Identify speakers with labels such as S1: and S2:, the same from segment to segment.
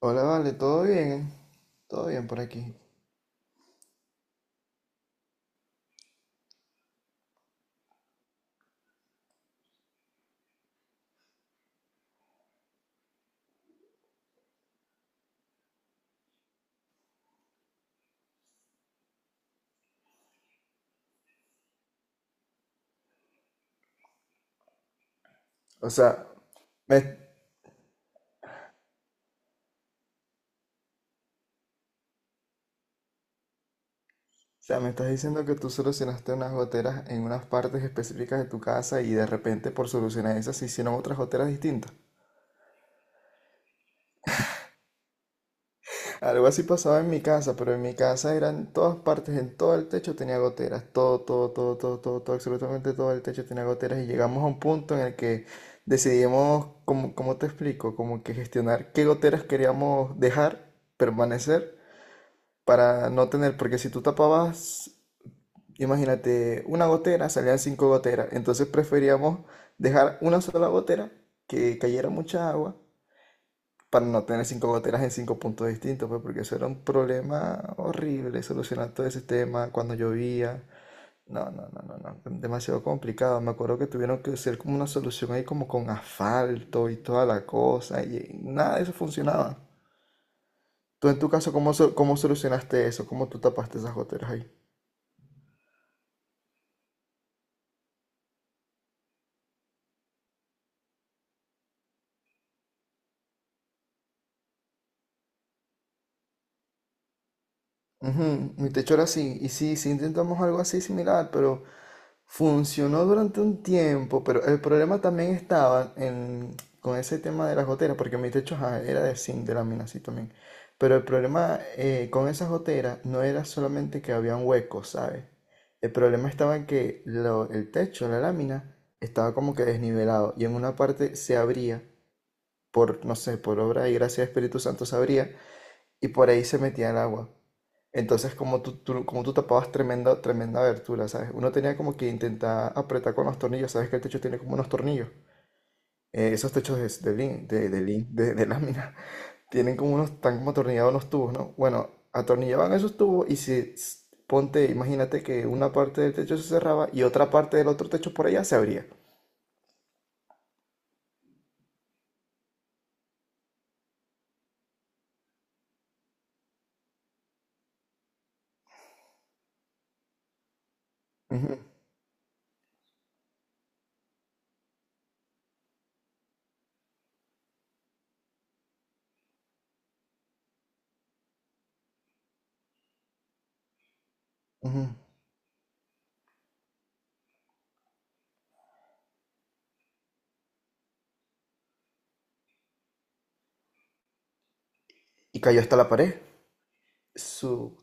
S1: Hola, vale, todo bien por aquí. O sea, o sea, me estás diciendo que tú solucionaste unas goteras en unas partes específicas de tu casa y de repente por solucionar esas se hicieron otras goteras distintas. Algo así pasaba en mi casa, pero en mi casa eran todas partes, en todo el techo tenía goteras, todo, todo, todo, todo, todo, todo, absolutamente todo el techo tenía goteras y llegamos a un punto en el que decidimos, como, ¿cómo te explico? Como que gestionar qué goteras queríamos dejar permanecer para no tener, porque si tú tapabas, imagínate, una gotera, salían cinco goteras, entonces preferíamos dejar una sola gotera que cayera mucha agua para no tener cinco goteras en cinco puntos distintos, pues porque eso era un problema horrible, solucionar todo ese tema cuando llovía. No, no, no, no, no, demasiado complicado. Me acuerdo que tuvieron que hacer como una solución ahí como con asfalto y toda la cosa y nada de eso funcionaba. Tú en tu caso, ¿ cómo solucionaste eso? ¿Cómo tú tapaste esas goteras ahí? Ujú. Mi techo era así, y sí, sí intentamos algo así similar, pero funcionó durante un tiempo, pero el problema también estaba con ese tema de las goteras, porque mi techo ajá, era de zinc, de lámina así también, pero el problema con esas goteras no era solamente que habían huecos, ¿sabes? El problema estaba en que el techo, la lámina, estaba como que desnivelado, y en una parte se abría, por, no sé, por obra y gracia del Espíritu Santo se abría, y por ahí se metía el agua. Entonces, como como tú tapabas tremenda, tremenda abertura, ¿sabes? Uno tenía como que intentar apretar con los tornillos, ¿sabes? Que el techo tiene como unos tornillos. Esos techos de lámina tienen como unos, están como atornillados unos tubos, ¿no? Bueno, atornillaban esos tubos y si, s- ponte, imagínate que una parte del techo se cerraba y otra parte del otro techo por allá se abría. Ujú, ujú. Y cayó hasta la pared. Su,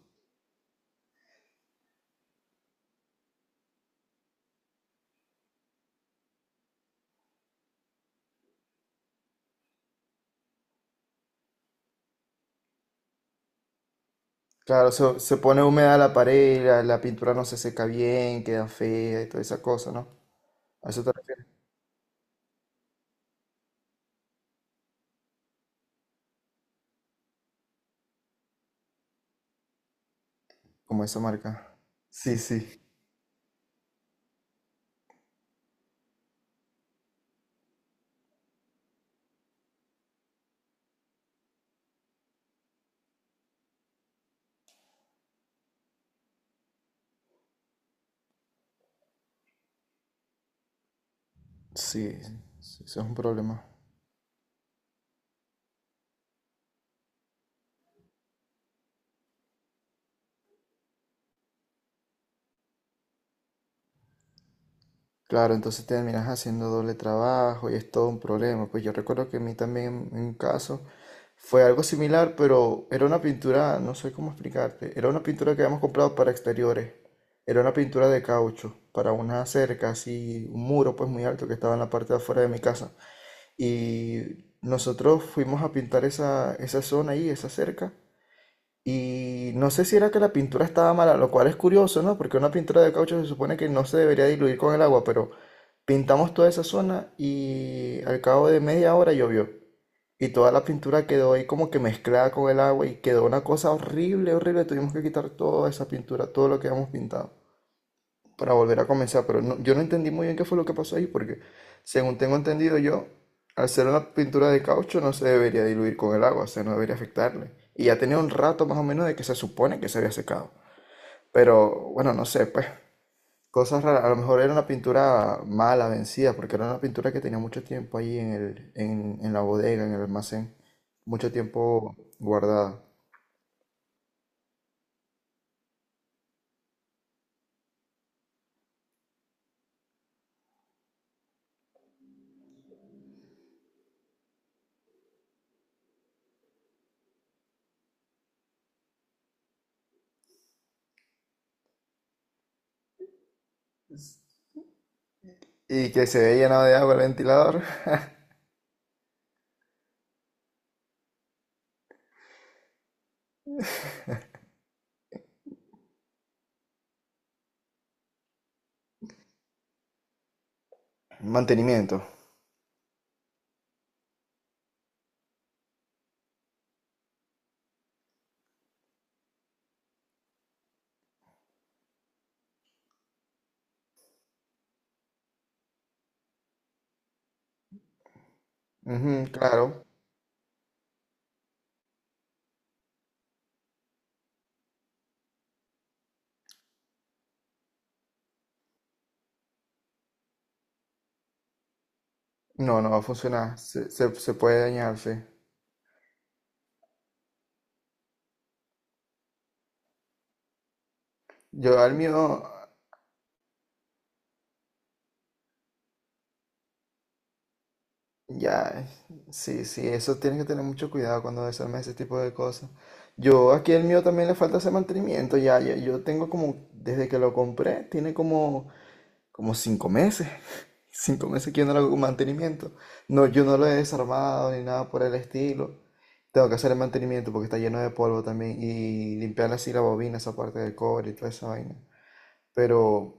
S1: claro, se, se pone húmeda la pared, la pintura no se seca bien, queda fea y toda esa cosa, ¿no? ¿A eso te refieres? Como esa marca. Sí, sí. Sí, sí, eso es un problema. Claro, entonces terminas haciendo doble trabajo y es todo un problema. Pues yo recuerdo que a mí también en un caso fue algo similar, pero era una pintura, no sé cómo explicarte, era una pintura que habíamos comprado para exteriores. Era una pintura de caucho para una cerca, así, un muro pues muy alto que estaba en la parte de afuera de mi casa. Y nosotros fuimos a pintar esa zona ahí, esa cerca. Y no sé si era que la pintura estaba mala, lo cual es curioso, ¿no? Porque una pintura de caucho se supone que no se debería diluir con el agua, pero pintamos toda esa zona y al cabo de media hora llovió. Y toda la pintura quedó ahí como que mezclada con el agua y quedó una cosa horrible, horrible. Tuvimos que quitar toda esa pintura, todo lo que habíamos pintado para volver a comenzar, pero yo no entendí muy bien qué fue lo que pasó ahí, porque según tengo entendido yo, al ser una pintura de caucho no se debería diluir con el agua, o sea, no debería afectarle. Y ya tenía un rato más o menos de que se supone que se había secado. Pero bueno, no sé, pues cosas raras. A lo mejor era una pintura mala, vencida, porque era una pintura que tenía mucho tiempo ahí en en la bodega, en el almacén, mucho tiempo guardada. Y que se veía llenado de agua el ventilador. Mantenimiento. Ujú, claro. No, no va a funcionar. Se puede dañar, sí. Yo al mío, ya, sí, sí, eso tienes que tener mucho cuidado cuando desarmes ese tipo de cosas. Yo aquí el mío también le falta ese mantenimiento, ya, ya, yo tengo como, desde que lo compré, tiene como, como 5 meses. 5 meses que yo no le hago mantenimiento. No, yo no lo he desarmado ni nada por el estilo. Tengo que hacer el mantenimiento porque está lleno de polvo también y limpiar así la bobina, esa parte del cobre y toda esa vaina. Pero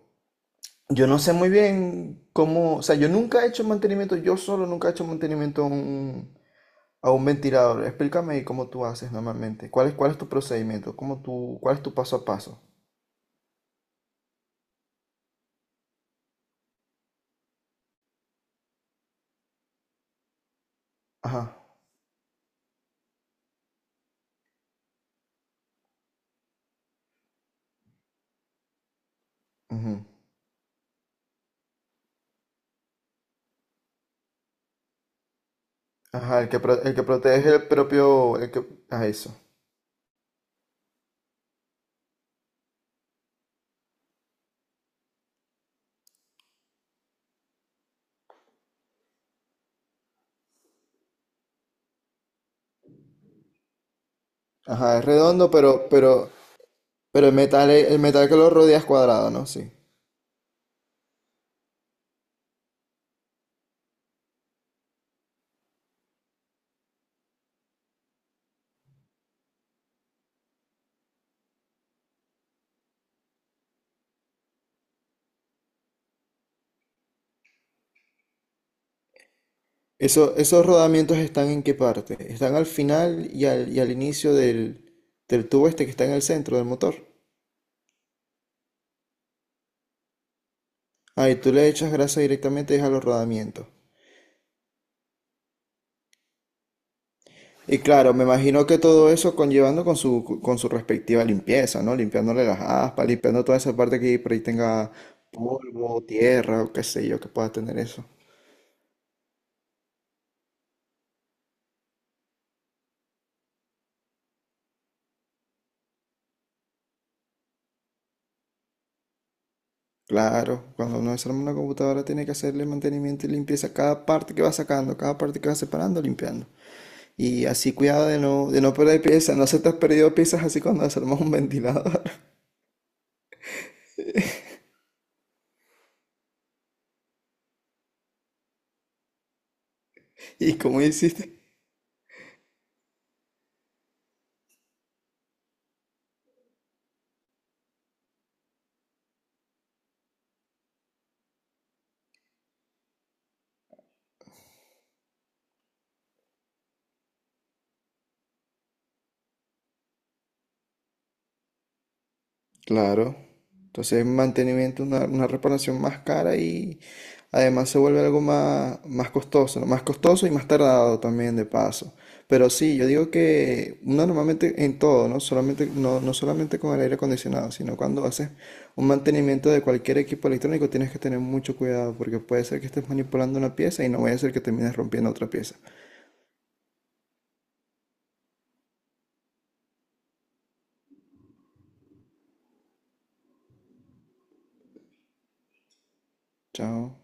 S1: yo no sé muy bien cómo, o sea, yo nunca he hecho mantenimiento, yo solo nunca he hecho mantenimiento a a un ventilador. Explícame ahí cómo tú haces normalmente. Cuál es tu procedimiento? ¿Cómo tú, cuál es tu paso a paso? Ajá. Ujú. Ajá, el que protege el propio, el que, ah, eso. Ajá, es redondo, pero el metal, el metal que lo rodea es cuadrado, ¿no? Sí. Eso, ¿esos rodamientos están en qué parte? Están al final y al inicio del, del tubo este que está en el centro del motor. Ah, ¿y tú le echas grasa directamente es a los rodamientos? Y claro, me imagino que todo eso conllevando con su respectiva limpieza, ¿no? Limpiándole las aspas, limpiando toda esa parte que por ahí tenga polvo, tierra o qué sé yo, que pueda tener eso. Claro, cuando uno desarma una computadora tiene que hacerle mantenimiento y limpieza a cada parte que va sacando, cada parte que va separando, limpiando. Y así cuidado de de no perder piezas, no se te has perdido piezas así cuando desarmas un ventilador. ¿Y cómo hiciste? Claro. Entonces, mantenimiento, una reparación más cara y además se vuelve algo más, más costoso, ¿no? Más costoso y más tardado también de paso. Pero sí, yo digo que uno normalmente en todo, ¿no? Solamente, no, no solamente con el aire acondicionado, sino cuando haces un mantenimiento de cualquier equipo electrónico tienes que tener mucho cuidado porque puede ser que estés manipulando una pieza y no vaya a ser que termines rompiendo otra pieza. Chao.